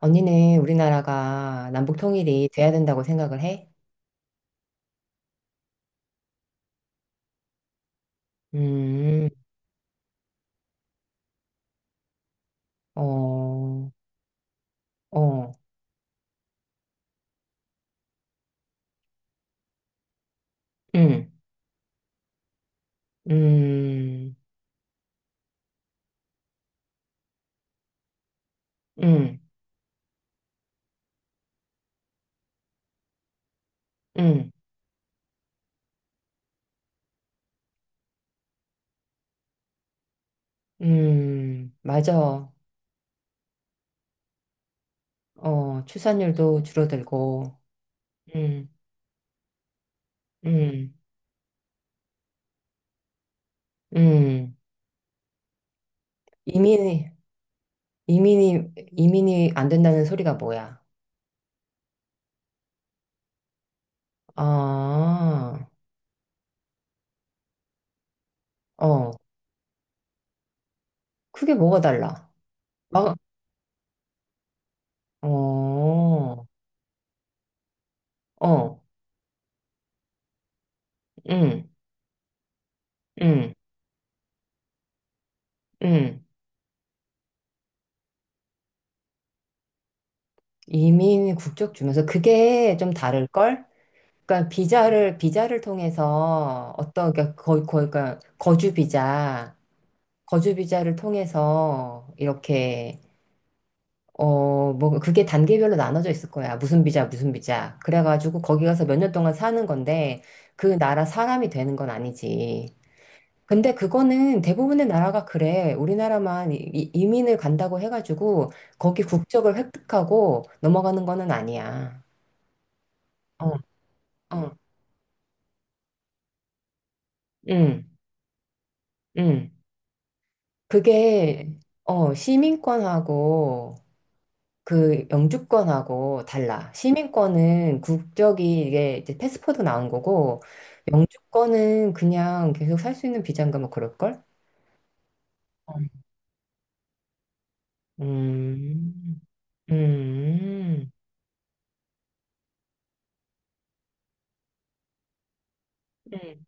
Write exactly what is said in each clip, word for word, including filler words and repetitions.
언니는 우리나라가 남북 통일이 돼야 된다고 생각을 해? 음, 어, 어, 음, 음, 음, 음, 음, 맞아. 어, 출산율도 줄어들고, 음, 음, 음, 이민이, 이민이, 이민이 안 된다는 소리가 뭐야? 아, 어, 그게 뭐가 달라? 막, 어, 어, 음, 음, 음. 이민 국적 주면서 그게 좀 다를걸? 그러니까 비자를 비자를 통해서 어떤 그러니까 거, 거, 그러니까 거주 비자 거주 비자를 통해서 이렇게 어 뭐 그게 단계별로 나눠져 있을 거야. 무슨 비자 무슨 비자. 그래가지고 거기 가서 몇 년 동안 사는 건데 그 나라 사람이 되는 건 아니지. 근데 그거는 대부분의 나라가 그래. 우리나라만 이, 이- 이민을 간다고 해가지고 거기 국적을 획득하고 넘어가는 거는 아니야. 어, 응 응 그게, 어, 시민권하고 그 영주권하고 달라. 시민권은 국적이 이게 이제 패스포드 나온 거고, 영주권은 그냥 계속 살 수 있는 비자인가 뭐 그럴걸? 어. 음, 음, 음,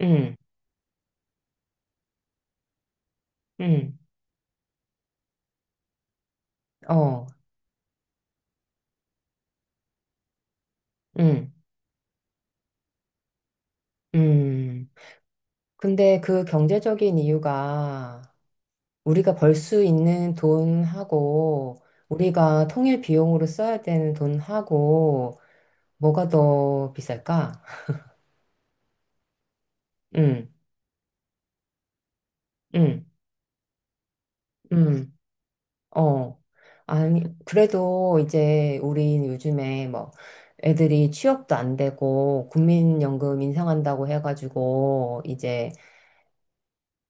음, 음, 어, 음, 음. 근데 그 경제적인 이유가 우리가 벌 수 있는 돈하고 우리가 통일 비용으로 써야 되는 돈하고 뭐가 더 비쌀까? 응, 응, 응, 어. 아니, 그래도 이제 우린 요즘에 뭐 애들이 취업도 안 되고 국민연금 인상한다고 해가지고 이제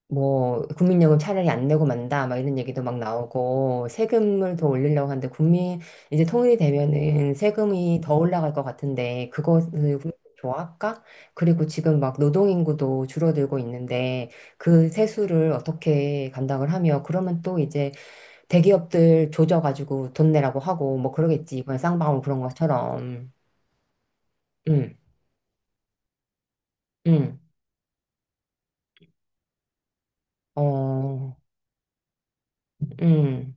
뭐 국민연금 차라리 안 내고 만다 막 이런 얘기도 막 나오고 세금을 더 올리려고 하는데 국민 이제 통일이 되면은 세금이 더 올라갈 것 같은데 그거 그 국민 좋아할까? 그리고 지금 막 노동인구도 줄어들고 있는데 그 세수를 어떻게 감당을 하며 그러면 또 이제 대기업들 조져가지고 돈 내라고 하고 뭐 그러겠지 이번 쌍방울 그런 것처럼 응, 응, 어, 응,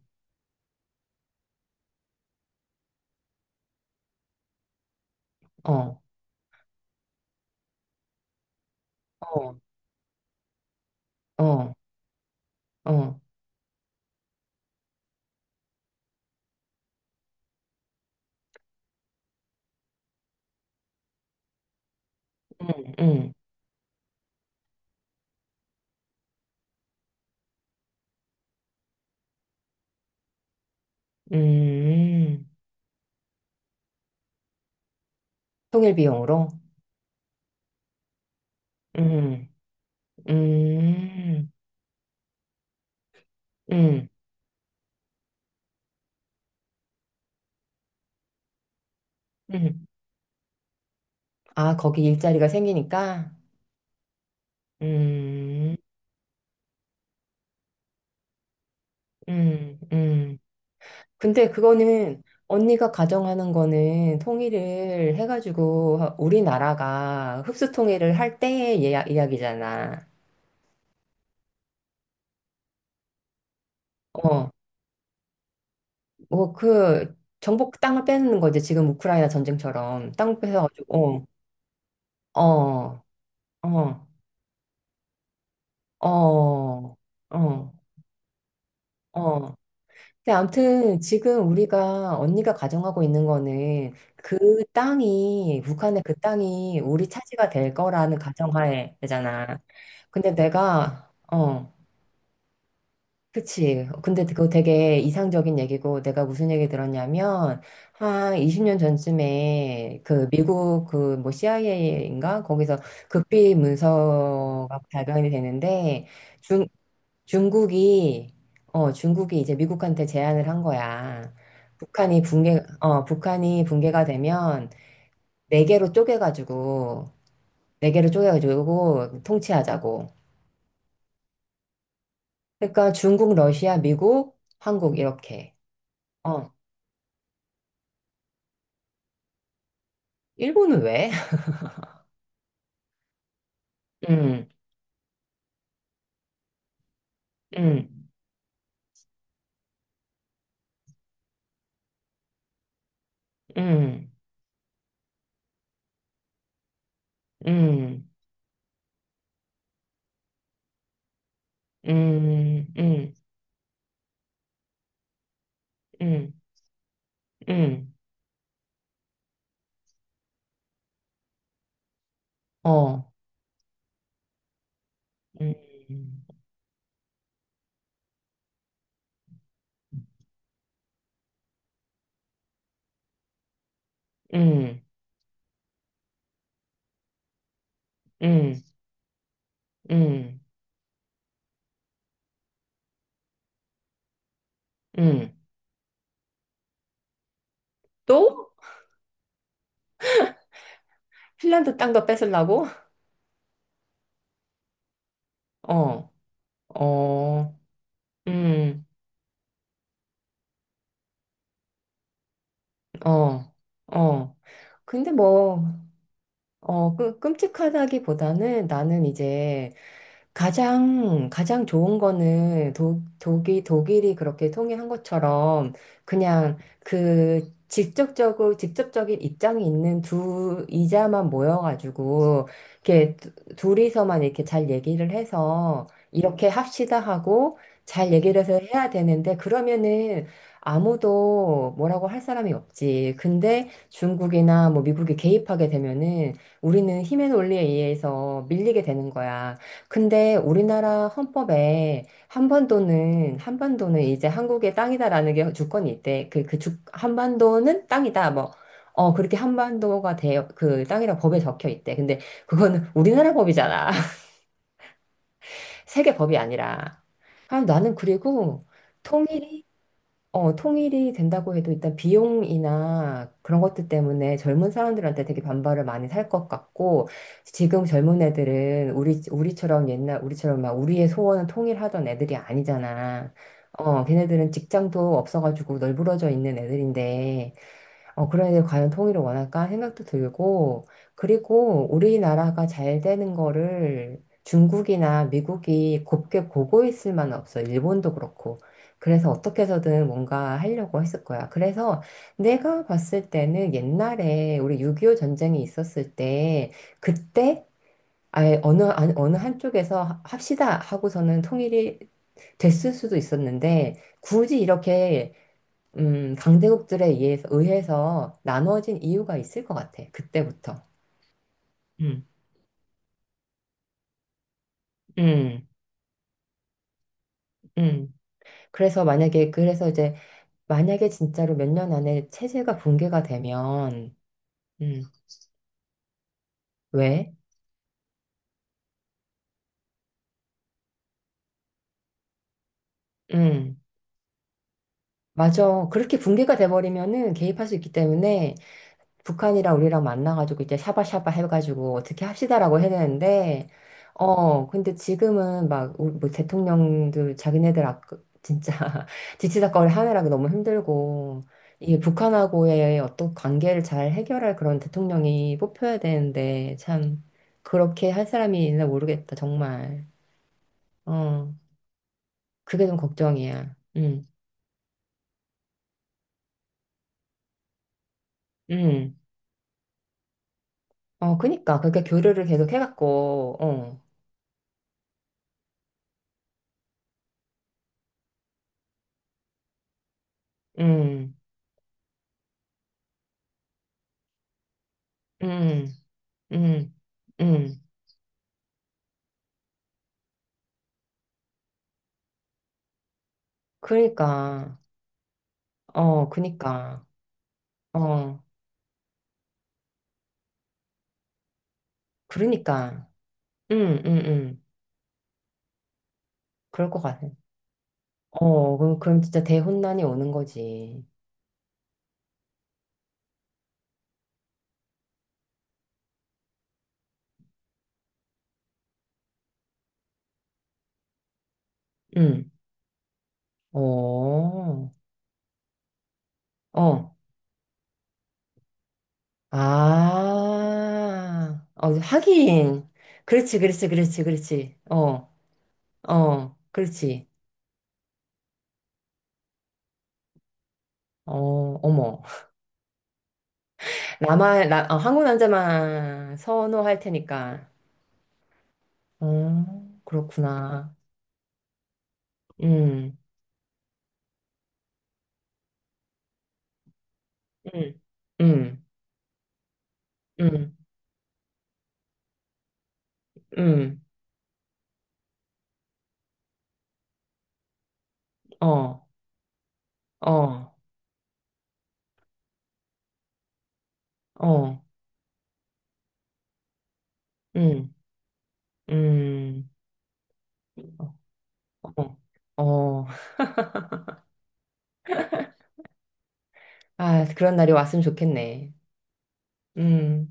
어, 어, 어, 어, 응, 응. 음, 통일 비용으로? 음, 음, 음, 음. 아, 거기 일자리가 생기니까? 음, 음, 음. 근데 그거는 언니가 가정하는 거는 통일을 해가지고 우리나라가 흡수 통일을 할 때의 이야- 이야기잖아. 어, 뭐 그 정복 땅을 빼는 거지. 지금 우크라이나 전쟁처럼 땅 뺏어가지고, 어, 어, 어, 어, 어. 어. 근데 아무튼 지금 우리가 언니가 가정하고 있는 거는 그 땅이 북한의 그 땅이 우리 차지가 될 거라는 가정하에잖아. 근데 내가 어 그치. 근데 그거 되게 이상적인 얘기고 내가 무슨 얘기 들었냐면 한 이십 년 전쯤에 그 미국 그 뭐 씨아이에이인가 거기서 극비 문서가 발견이 되는데 중 중국이, 어, 중국이 이제 미국한테 제안을 한 거야. 북한이 붕괴, 어, 북한이 붕괴가 되면 네 개로 쪼개가지고, 네 개로 쪼개가지고 통치하자고. 그러니까 중국, 러시아, 미국, 한국 이렇게. 어, 일본은 왜? 음, 음, 음, 음, 음, 음, 음, 음, 어, 음, 음, 음, 음, 음. 또? 핀란드 땅도 뺏으려고? 어. 어, 음, 어, 어. 근데 뭐, 어, 그, 끔찍하다기보다는 나는 이제 가장, 가장 좋은 거는 독, 독이, 독일이 그렇게 통일한 것처럼 그냥 그 직접적으로, 직접적인 입장이 있는 두 이자만 모여가지고 이렇게 두- 둘이서만 이렇게 잘 얘기를 해서 이렇게 합시다 하고 잘 얘기를 해서 해야 되는데 그러면은 아무도 뭐라고 할 사람이 없지. 근데 중국이나 뭐 미국이 개입하게 되면은 우리는 힘의 논리에 의해서 밀리게 되는 거야. 근데 우리나라 헌법에 한반도는 한반도는 이제 한국의 땅이다라는 게 주권이 있대. 그 그 주 한반도는 땅이다. 뭐 어, 그렇게 한반도가 대, 그 땅이라고 법에 적혀 있대. 근데 그거는 우리나라 법이잖아. 세계 법이 아니라. 아, 나는 그리고 통일이 어, 통일이 된다고 해도 일단 비용이나 그런 것들 때문에 젊은 사람들한테 되게 반발을 많이 살 것 같고, 지금 젊은 애들은 우리, 우리처럼 옛날, 우리처럼 막 우리의 소원은 통일하던 애들이 아니잖아. 어, 걔네들은 직장도 없어가지고 널브러져 있는 애들인데, 어, 그런데 과연 통일을 원할까 생각도 들고, 그리고 우리나라가 잘 되는 거를 중국이나 미국이 곱게 보고 있을 만은 없어. 일본도 그렇고. 그래서 어떻게 해서든 뭔가 하려고 했을 거야. 그래서 내가 봤을 때는 옛날에 우리 육이오 전쟁이 있었을 때, 그때 아예 어느, 한- 어느 한쪽에서 합시다 하고서는 통일이 됐을 수도 있었는데, 굳이 이렇게 음, 강대국들에 의해서, 의해서 나눠진 이유가 있을 것 같아. 그때부터. 음, 음, 음. 그래서 만약에, 그래서 이제, 만약에 진짜로 몇 년 안에 체제가 붕괴가 되면, 음, 왜? 음, 맞아. 그렇게 붕괴가 돼버리면은 개입할 수 있기 때문에 북한이랑 우리랑 만나가지고 이제 샤바샤바 해가지고 어떻게 합시다라고 해냈는데, 어, 근데 지금은 막, 우리 뭐 대통령들, 자기네들 아, 진짜 지치다꺼리 하느라 너무 힘들고, 이 북한하고의 어떤 관계를 잘 해결할 그런 대통령이 뽑혀야 되는데, 참, 그렇게 할 사람이 있나 모르겠다, 정말. 어, 그게 좀 걱정이야. 음, 음. 어, 그니까. 그러니까 교류를 계속 해갖고, 어, 음, 음. 음, 음. 그러니까, 어, 그니까, 어, 그러니까, 음, 음, 음. 그럴 것 같아. 어, 그럼, 그럼 진짜 대혼란이 오는 거지. 음, 어, 어, 아, 어, 하긴. 그렇지, 그렇지, 그렇지, 그렇지. 어, 어, 그렇지. 어, 어머. 남만 나, 어, 한국 남자만 선호할 테니까. 어, 그렇구나. 음, 음, 음. 응, 응, 어, 어, 어, 응, 응, 어, 어, 어. 아, 그런 날이 왔으면 좋겠네. 음.